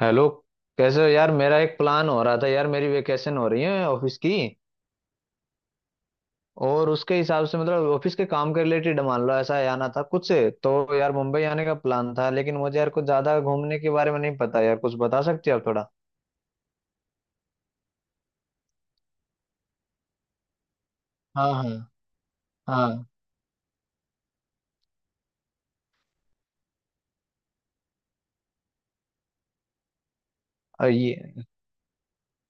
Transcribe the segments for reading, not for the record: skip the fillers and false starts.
Hello. कैसे हो यार? मेरा एक प्लान हो रहा था यार, मेरी वेकेशन हो रही है ऑफिस की, और उसके हिसाब से मतलब ऑफिस के काम के रिलेटेड मान लो ऐसा आना था कुछ, तो यार मुंबई आने का प्लान था। लेकिन मुझे यार कुछ ज्यादा घूमने के बारे में नहीं पता, यार कुछ बता सकते हो आप थोड़ा? हाँ हाँ। हाँ। ये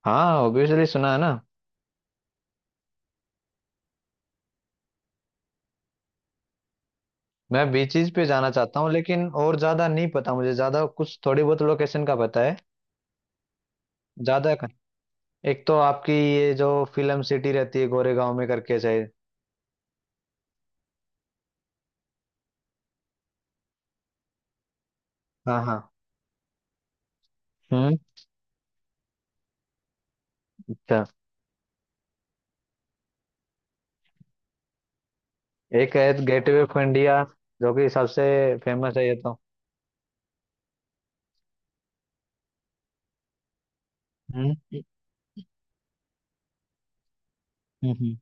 हाँ, ऑब्वियसली सुना है ना। मैं बीचेस पे जाना चाहता हूँ, लेकिन और ज्यादा नहीं पता मुझे, ज्यादा कुछ थोड़ी बहुत लोकेशन का पता है। ज्यादा का- एक तो आपकी ये जो फिल्म सिटी रहती है गोरेगांव में करके शायद। हाँ हाँ। हम्म। अच्छा। एक है गेटवे ऑफ इंडिया, जो कि सबसे फेमस है ये तो। हम्म हम्म, हम्म।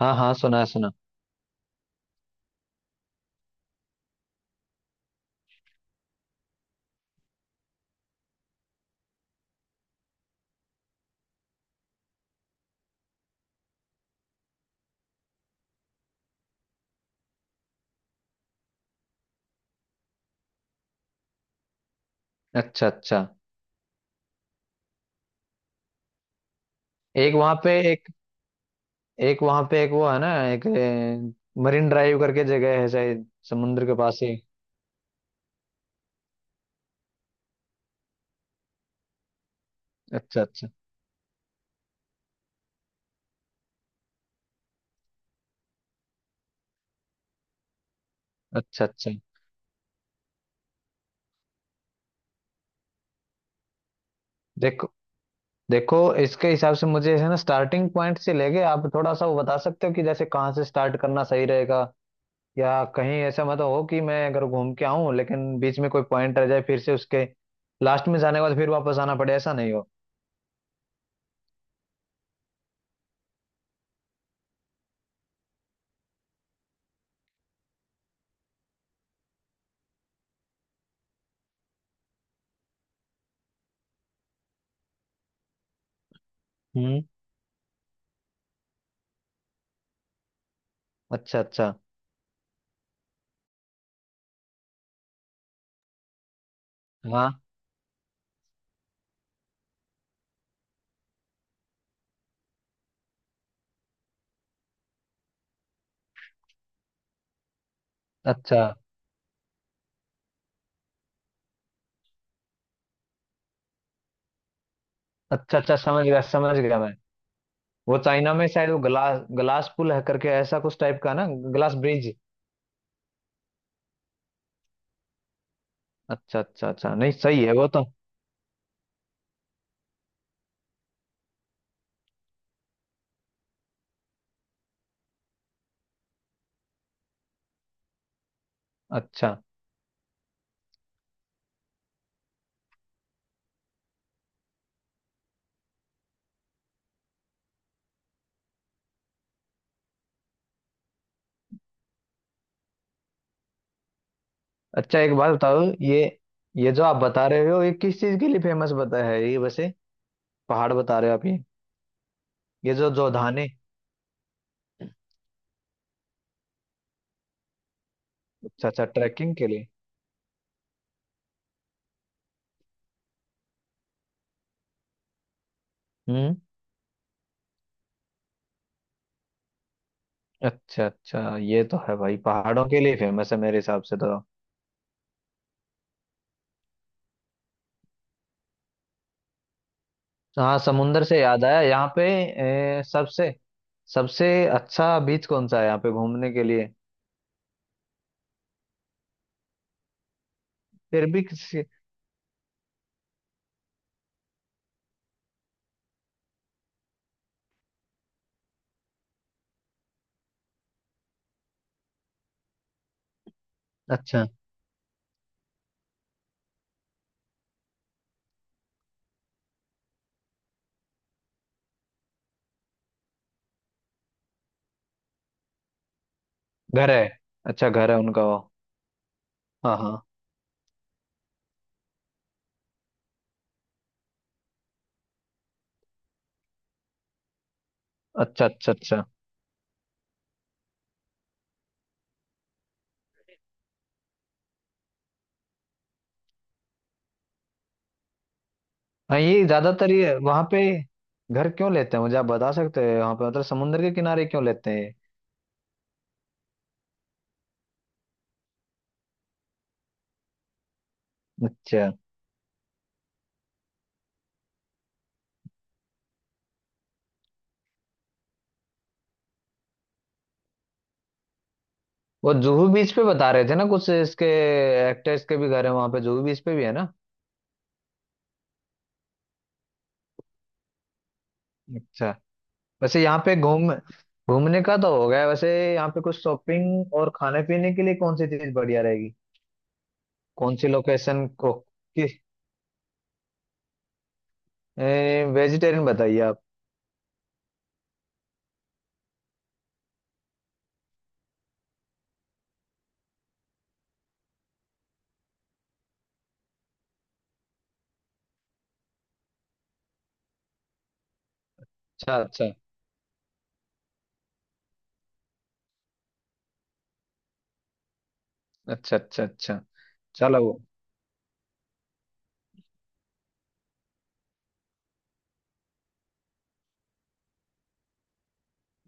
हाँ हाँ, सुना है सुना। अच्छा अच्छा। एक वहां पे एक एक वहां पे एक वो है ना, एक मरीन ड्राइव करके जगह है शायद समुद्र के पास ही। अच्छा अच्छा। अच्छा अच्छा। देखो। देखो, इसके हिसाब से मुझे है ना स्टार्टिंग पॉइंट से लेके आप थोड़ा सा वो बता सकते हो कि जैसे कहाँ से स्टार्ट करना सही रहेगा। या कहीं ऐसा मत हो कि मैं अगर घूम के आऊं लेकिन बीच में कोई पॉइंट रह जाए, फिर से उसके लास्ट में जाने के बाद फिर वापस आना पड़े, ऐसा नहीं हो। हम्म। अच्छा अच्छा। हाँ। अच्छा अच्छा अच्छा, समझ गया मैं। वो चाइना में शायद वो ग्लास ग्लास पुल है करके, ऐसा कुछ टाइप का ना। Glass bridge. अच्छा अच्छा अच्छा, नहीं सही है वो तो। अच्छा। अच्छा, एक बात बताओ ये। ये जो आप बता रहे हो ये किस चीज के लिए फेमस बता है ये वैसे? पहाड़ बता रहे हो आप ये? ये जो जोधाने। अच्छा अच्छा, ट्रैकिंग के लिए। हम्म। अच्छा अच्छा, ये तो है भाई, पहाड़ों के लिए फेमस है मेरे हिसाब से तो। हाँ, समुंदर से याद आया यहाँ पे। सबसे सबसे अच्छा बीच कौन सा है यहाँ पे घूमने के लिए? फिर भी किसी। अच्छा। घर है। अच्छा, घर है उनका वो। हाँ हाँ। अच्छा अच्छा अच्छा। हाँ ये ज्यादातर ये वहाँ पे घर क्यों लेते हैं, मुझे आप बता सकते हैं वहाँ पे मतलब समुंदर के किनारे क्यों लेते हैं ये? अच्छा। वो जुहू बीच पे बता रहे थे ना कुछ इसके एक्टर्स के भी घर है वहाँ पे, जुहू बीच पे भी है ना? अच्छा। वैसे यहाँ पे घूम, घूमने का तो हो गया वैसे। यहाँ पे कुछ शॉपिंग और खाने पीने के लिए कौन सी चीज बढ़िया रहेगी, कौन सी लोकेशन को? कि वेजिटेरियन बताइए आप। अच्छा अच्छा। अच्छा अच्छा। अच्छा। चलो वो।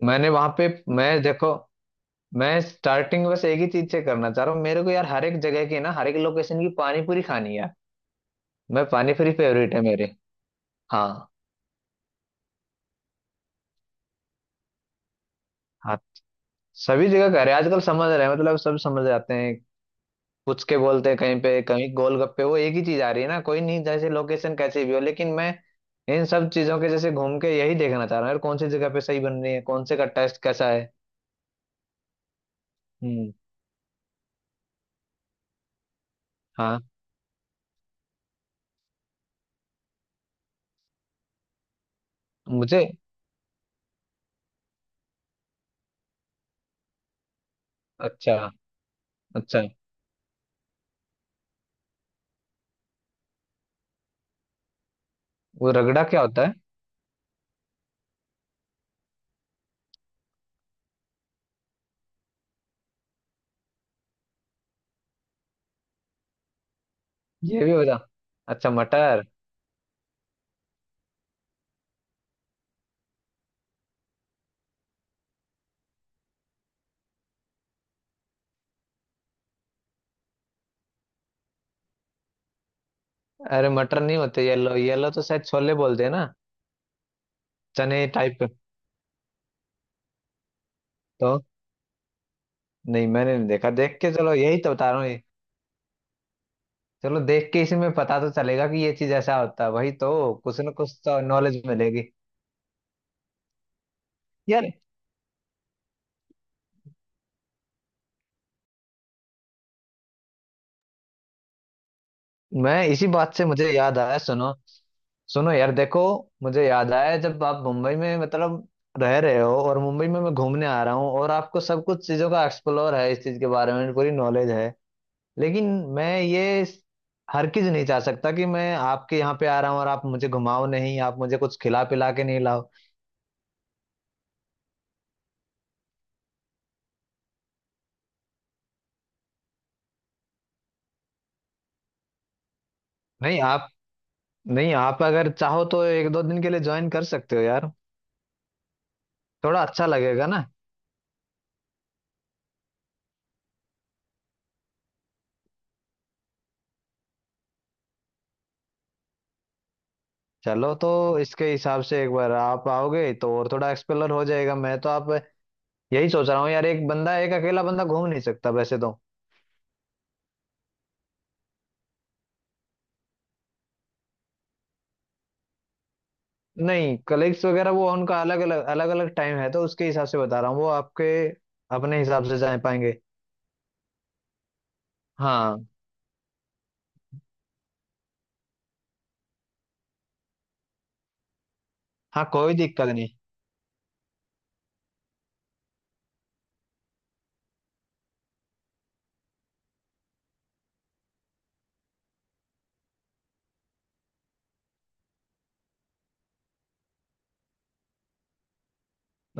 मैंने वहां पे। मैं देखो, मैं स्टार्टिंग बस एक ही चीज से करना चाह रहा हूँ, मेरे को यार हर एक जगह की ना हर एक लोकेशन की पानी पूरी खानी है। मैं पानी पूरी फेवरेट है मेरे। हाँ। हाँ। सभी जगह कह रहे हैं आजकल, समझ रहे हैं मतलब, सब समझ जाते हैं। पूछ के बोलते हैं, कहीं पे कहीं गोलगप्पे, वो एक ही चीज आ रही है ना, कोई नहीं, जैसे लोकेशन कैसी भी हो लेकिन मैं इन सब चीजों के जैसे घूम के यही देखना चाह रहा हूँ यार, कौन सी जगह पे सही बन रही है, कौन से का टेस्ट कैसा है। हम्म। हाँ। मुझे। अच्छा। अच्छा, वो रगड़ा क्या होता है? ये भी बता। अच्छा, मटर। अरे मटर नहीं होते, येलो येलो तो शायद छोले बोलते हैं ना, चने टाइप के। तो नहीं मैंने नहीं देखा, देख के चलो यही तो बता रहा हूँ ये। चलो, देख के इसी में पता तो चलेगा कि ये चीज ऐसा होता है, वही तो कुछ ना कुछ तो नॉलेज मिलेगी यार। मैं इसी बात से मुझे याद आया, सुनो। सुनो यार, देखो, मुझे याद आया, जब आप मुंबई में मतलब रह रहे हो और मुंबई में मैं घूमने आ रहा हूँ, और आपको सब कुछ चीजों का एक्सप्लोर है, इस चीज के बारे में पूरी नॉलेज है। लेकिन मैं ये हर चीज नहीं चाह सकता कि मैं आपके यहाँ पे आ रहा हूँ और आप मुझे घुमाओ नहीं, आप मुझे कुछ खिला पिला के नहीं लाओ। नहीं आप नहीं आप अगर चाहो तो एक दो दिन के लिए ज्वाइन कर सकते हो यार, थोड़ा अच्छा लगेगा ना। चलो तो, इसके हिसाब से एक बार आप आओगे तो और थोड़ा एक्सप्लोर हो जाएगा मैं तो। आप यही सोच रहा हूँ यार, एक बंदा, एक अकेला बंदा घूम नहीं सकता वैसे तो। नहीं, कलीग्स वगैरह वो उनका अलग अलग टाइम है, तो उसके हिसाब से बता रहा हूँ, वो आपके अपने हिसाब से जा पाएंगे। हाँ हाँ, कोई दिक्कत नहीं।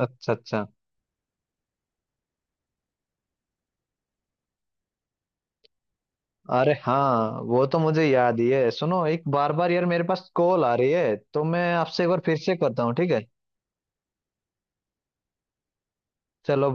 अच्छा अच्छा। अरे हाँ वो तो मुझे याद ही है। सुनो, एक बार बार यार मेरे पास कॉल आ रही है, तो मैं आपसे एक बार फिर से करता हूँ ठीक है। चलो।